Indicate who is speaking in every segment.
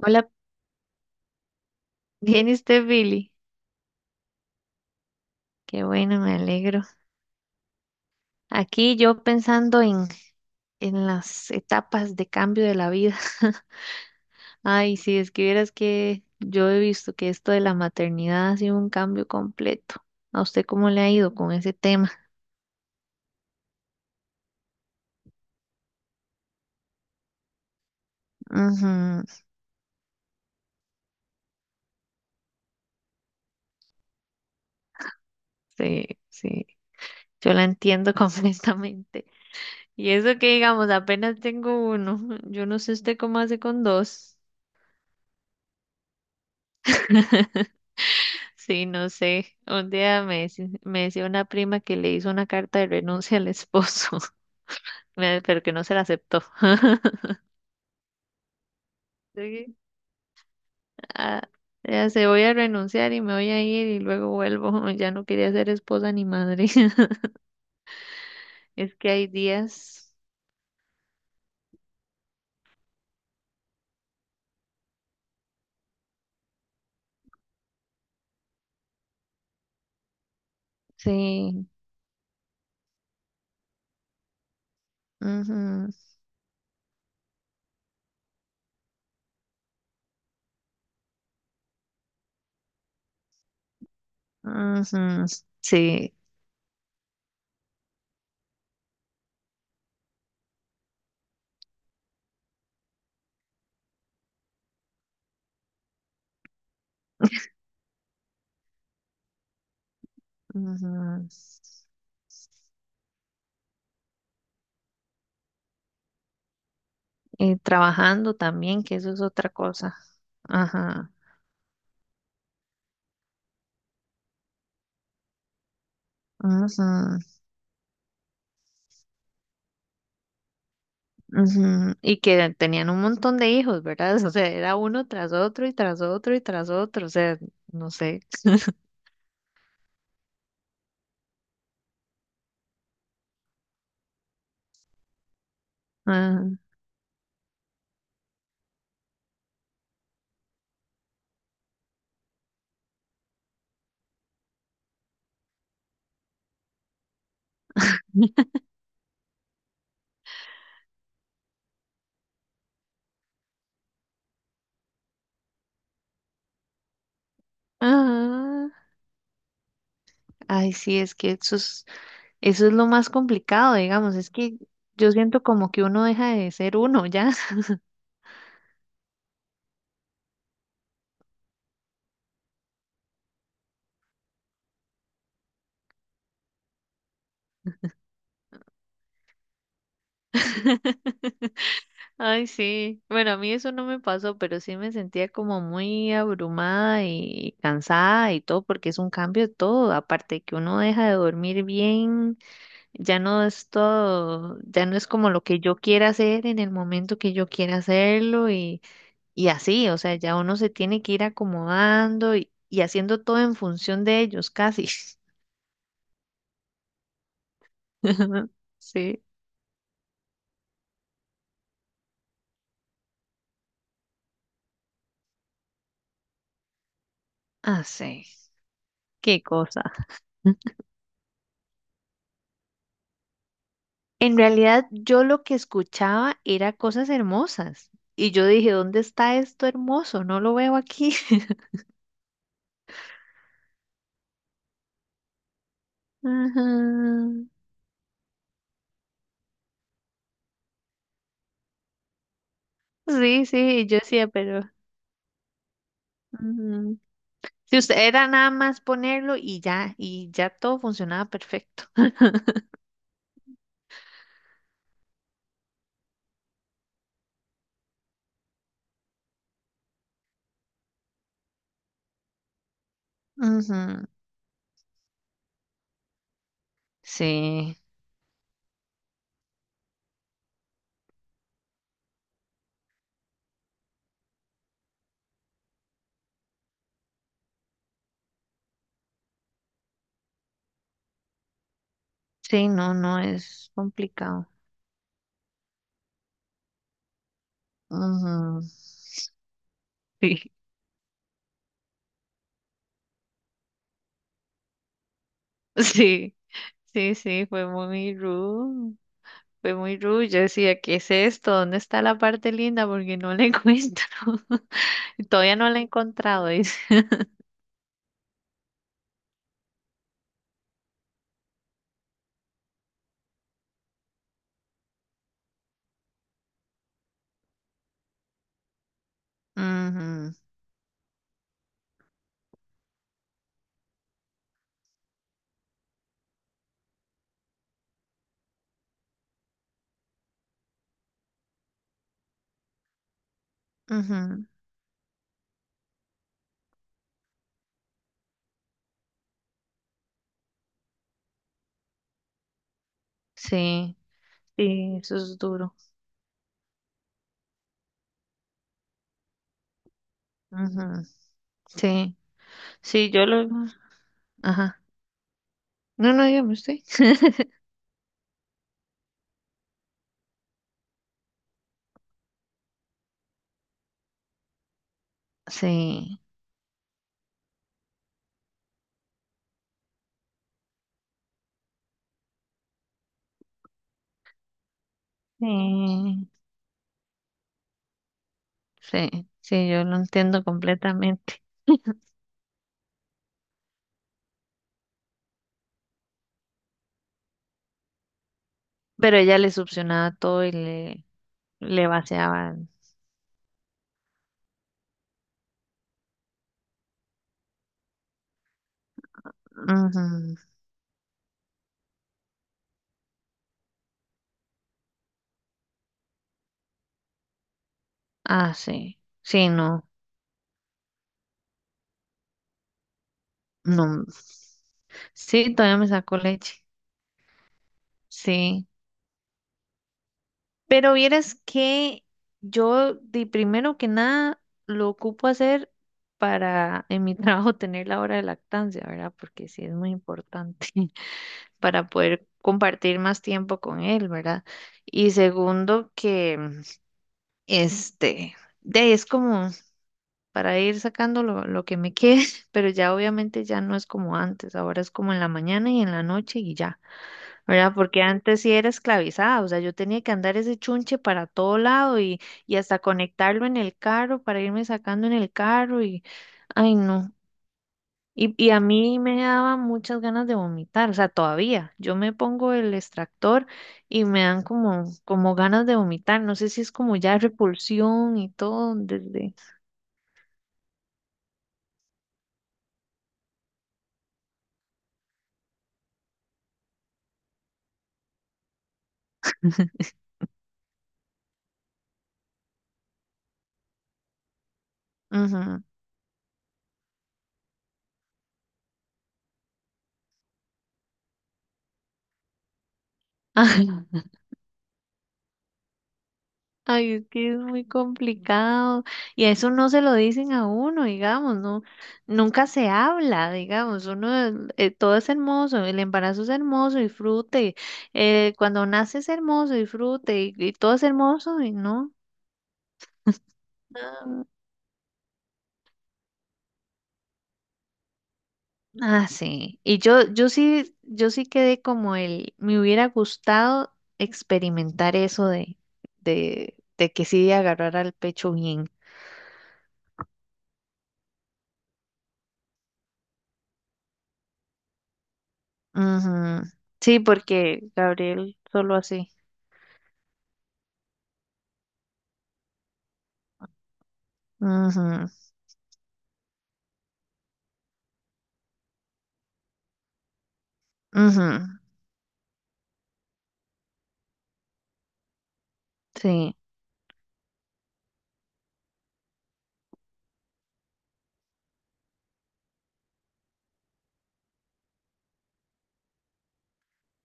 Speaker 1: Hola, ¿bien y usted, Billy? Qué bueno, me alegro. Aquí yo pensando en las etapas de cambio de la vida. Ay, si es que vieras que yo he visto que esto de la maternidad ha sido un cambio completo. ¿A usted cómo le ha ido con ese tema? Ujú, sí, sí, yo la entiendo completamente. Y eso que digamos, apenas tengo uno. Yo no sé usted cómo hace con dos. Sí, no sé. Un día me decía una prima que le hizo una carta de renuncia al esposo, pero que no se la aceptó. Sí. Ah, ya se voy a renunciar y me voy a ir y luego vuelvo. Ya no quería ser esposa ni madre. Es que hay días. Sí. Ujú. Ujú. Sí. Ujú. Y trabajando también, que eso es otra cosa. Ajá. Ujú. Ujú. Y que tenían un montón de hijos, ¿verdad? O sea, era uno tras otro y tras otro y tras otro, o sea, no sé. Ajá. Ajá. Ay, sí, es que eso es lo más complicado, digamos, es que yo siento como que uno deja de ser uno ya. Ay, sí. Bueno, a mí eso no me pasó, pero sí me sentía como muy abrumada y cansada y todo, porque es un cambio de todo, aparte de que uno deja de dormir bien. Ya no es todo, ya no es como lo que yo quiera hacer en el momento que yo quiera hacerlo y así, o sea, ya uno se tiene que ir acomodando y haciendo todo en función de ellos, casi. Sí, así, qué cosa. En realidad, yo lo que escuchaba era cosas hermosas y yo dije, ¿dónde está esto hermoso? No lo veo aquí. Ajá. Sí, sí, yo decía, pero... Ujú. Si usted era nada más ponerlo y ya todo funcionaba perfecto. Ujú. Sí, sí, no, no es complicado. Ujú. Sí, sí, sí, sí, fue muy rude, fue muy rude. Yo decía, ¿qué es esto? ¿Dónde está la parte linda? Porque no la encuentro. Y todavía no la he encontrado, dice. Ujú. Ujú. Sí, sí, eso es duro. Ujú. Sí, sí, yo lo... Ajá. No, no, dígame usted. Sí. Sí, sí, sí, yo lo entiendo completamente. Pero ella le succionaba todo le vaciaba. Ujú. Ah, sí, sí, no, no. Sí, todavía me sacó leche. Sí. Pero vieras que yo, de primero que nada, lo ocupo hacer para en mi trabajo tener la hora de lactancia, ¿verdad? Porque sí es muy importante. Para poder compartir más tiempo con él, ¿verdad? Y segundo, que este, de, es como para ir sacando lo que me quede, pero ya obviamente ya no es como antes, ahora es como en la mañana y en la noche y ya, ¿verdad? Porque antes sí era esclavizada, o sea, yo tenía que andar ese chunche para todo lado y hasta conectarlo en el carro para irme sacando en el carro y, ay, no. Y a mí me daba muchas ganas de vomitar, o sea, todavía. Yo me pongo el extractor y me dan como, como ganas de vomitar. No sé si es como ya repulsión y todo desde... Ujú. Ay, ay, es que es muy complicado. Y eso no se lo dicen a uno, digamos, no, nunca se habla, digamos. Uno, todo es hermoso, el embarazo es hermoso, disfrute. Cuando nace es hermoso, disfrute. Y todo es hermoso y no. Ah, sí. Y yo sí, yo sí quedé como el, me hubiera gustado experimentar de que sí agarrar al pecho bien. Ujú. Sí, porque Gabriel solo así. Ujú. Ujú. Sí.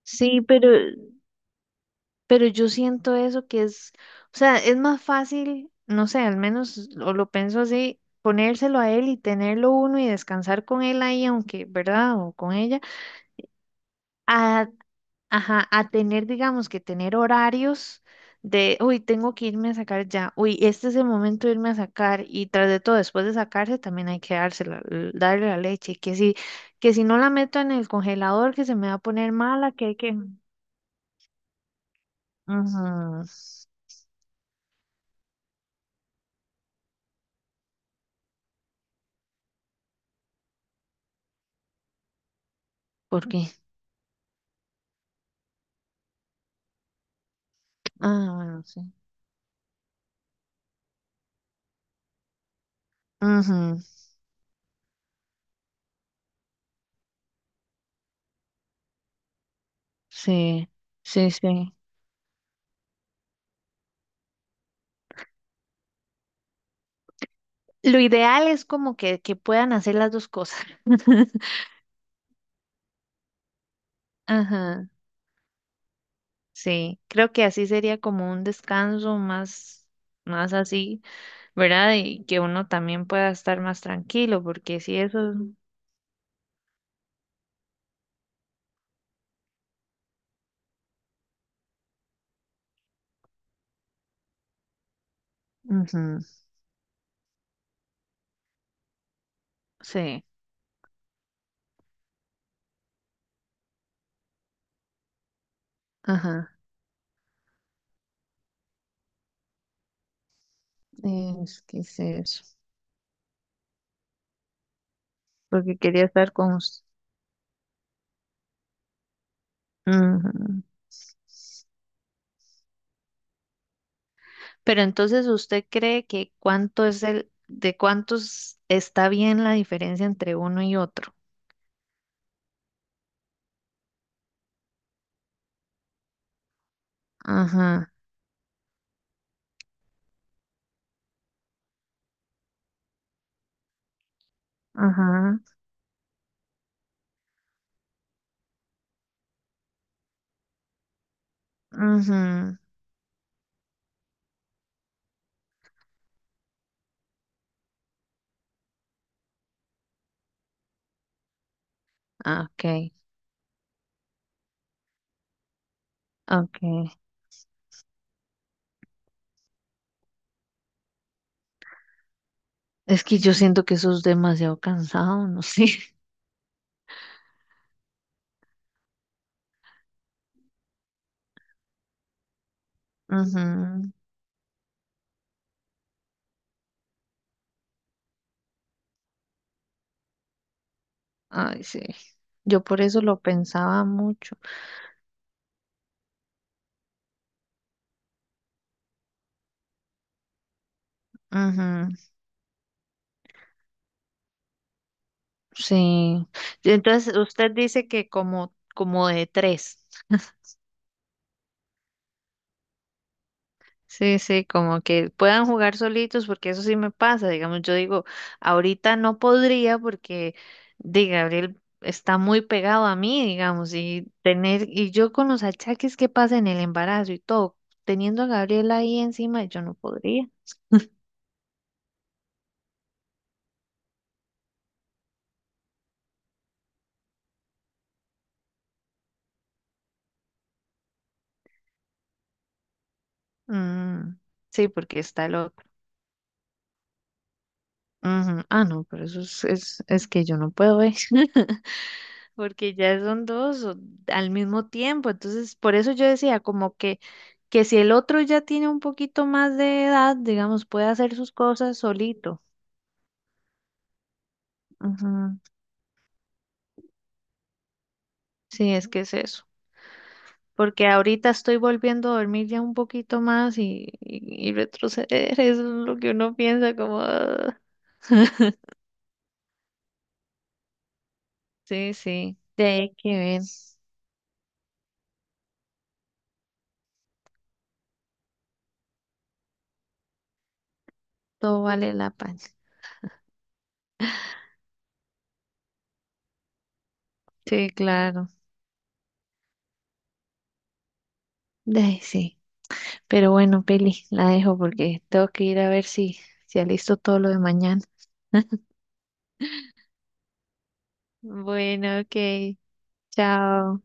Speaker 1: Sí, pero yo siento eso que es, o sea, es más fácil, no sé, al menos o lo pienso así, ponérselo a él y tenerlo uno y descansar con él ahí, aunque, ¿verdad? O con ella. A Ajá, a tener, digamos, que tener horarios de, uy, tengo que irme a sacar ya, uy, este es el momento de irme a sacar y tras de todo, después de sacarse también hay que dársela, darle la leche, que si no la meto en el congelador, que se me va a poner mala, que hay que... Ujú. ¿Por qué? Ah, bueno, sí. Ujú. Sí, sí, sí. Lo ideal es como que puedan hacer las dos cosas. Ajá. Sí, creo que así sería como un descanso más, más así, ¿verdad? Y que uno también pueda estar más tranquilo, porque si eso, ujú, sí, ajá, es que es eso, porque quería estar con usted. Pero entonces, ¿usted cree que cuánto es de cuántos está bien la diferencia entre uno y otro? Ajá. Ajá. Ajá. Ah, ok. Ok. Es que yo siento que eso es demasiado cansado, no sé. Ujú. Ay, sí. Yo por eso lo pensaba mucho. Ujú. Sí. Y entonces, usted dice que como, como de tres. Sí, sí, como que puedan jugar solitos, porque eso sí me pasa. Digamos, yo digo, ahorita no podría porque, de Gabriel está muy pegado a mí, digamos, y yo con los achaques que pasa en el embarazo y todo, teniendo a Gabriel ahí encima, yo no podría. Mm, sí, porque está loco. Ujú. Ah, no, pero es que yo no puedo ver, porque ya son al mismo tiempo. Entonces, por eso yo decía, como que si el otro ya tiene un poquito más de edad, digamos, puede hacer sus cosas solito. Ujú. Sí, es que es eso. Porque ahorita estoy volviendo a dormir ya un poquito más y retroceder, eso es lo que uno piensa como, "Ah". Sí, sí, de ahí que ver, todo vale la pena. Sí, claro, de ahí sí. Pero bueno, Peli, la dejo porque tengo que ir a ver si, si alisto todo lo de mañana. Bueno, ok, chao.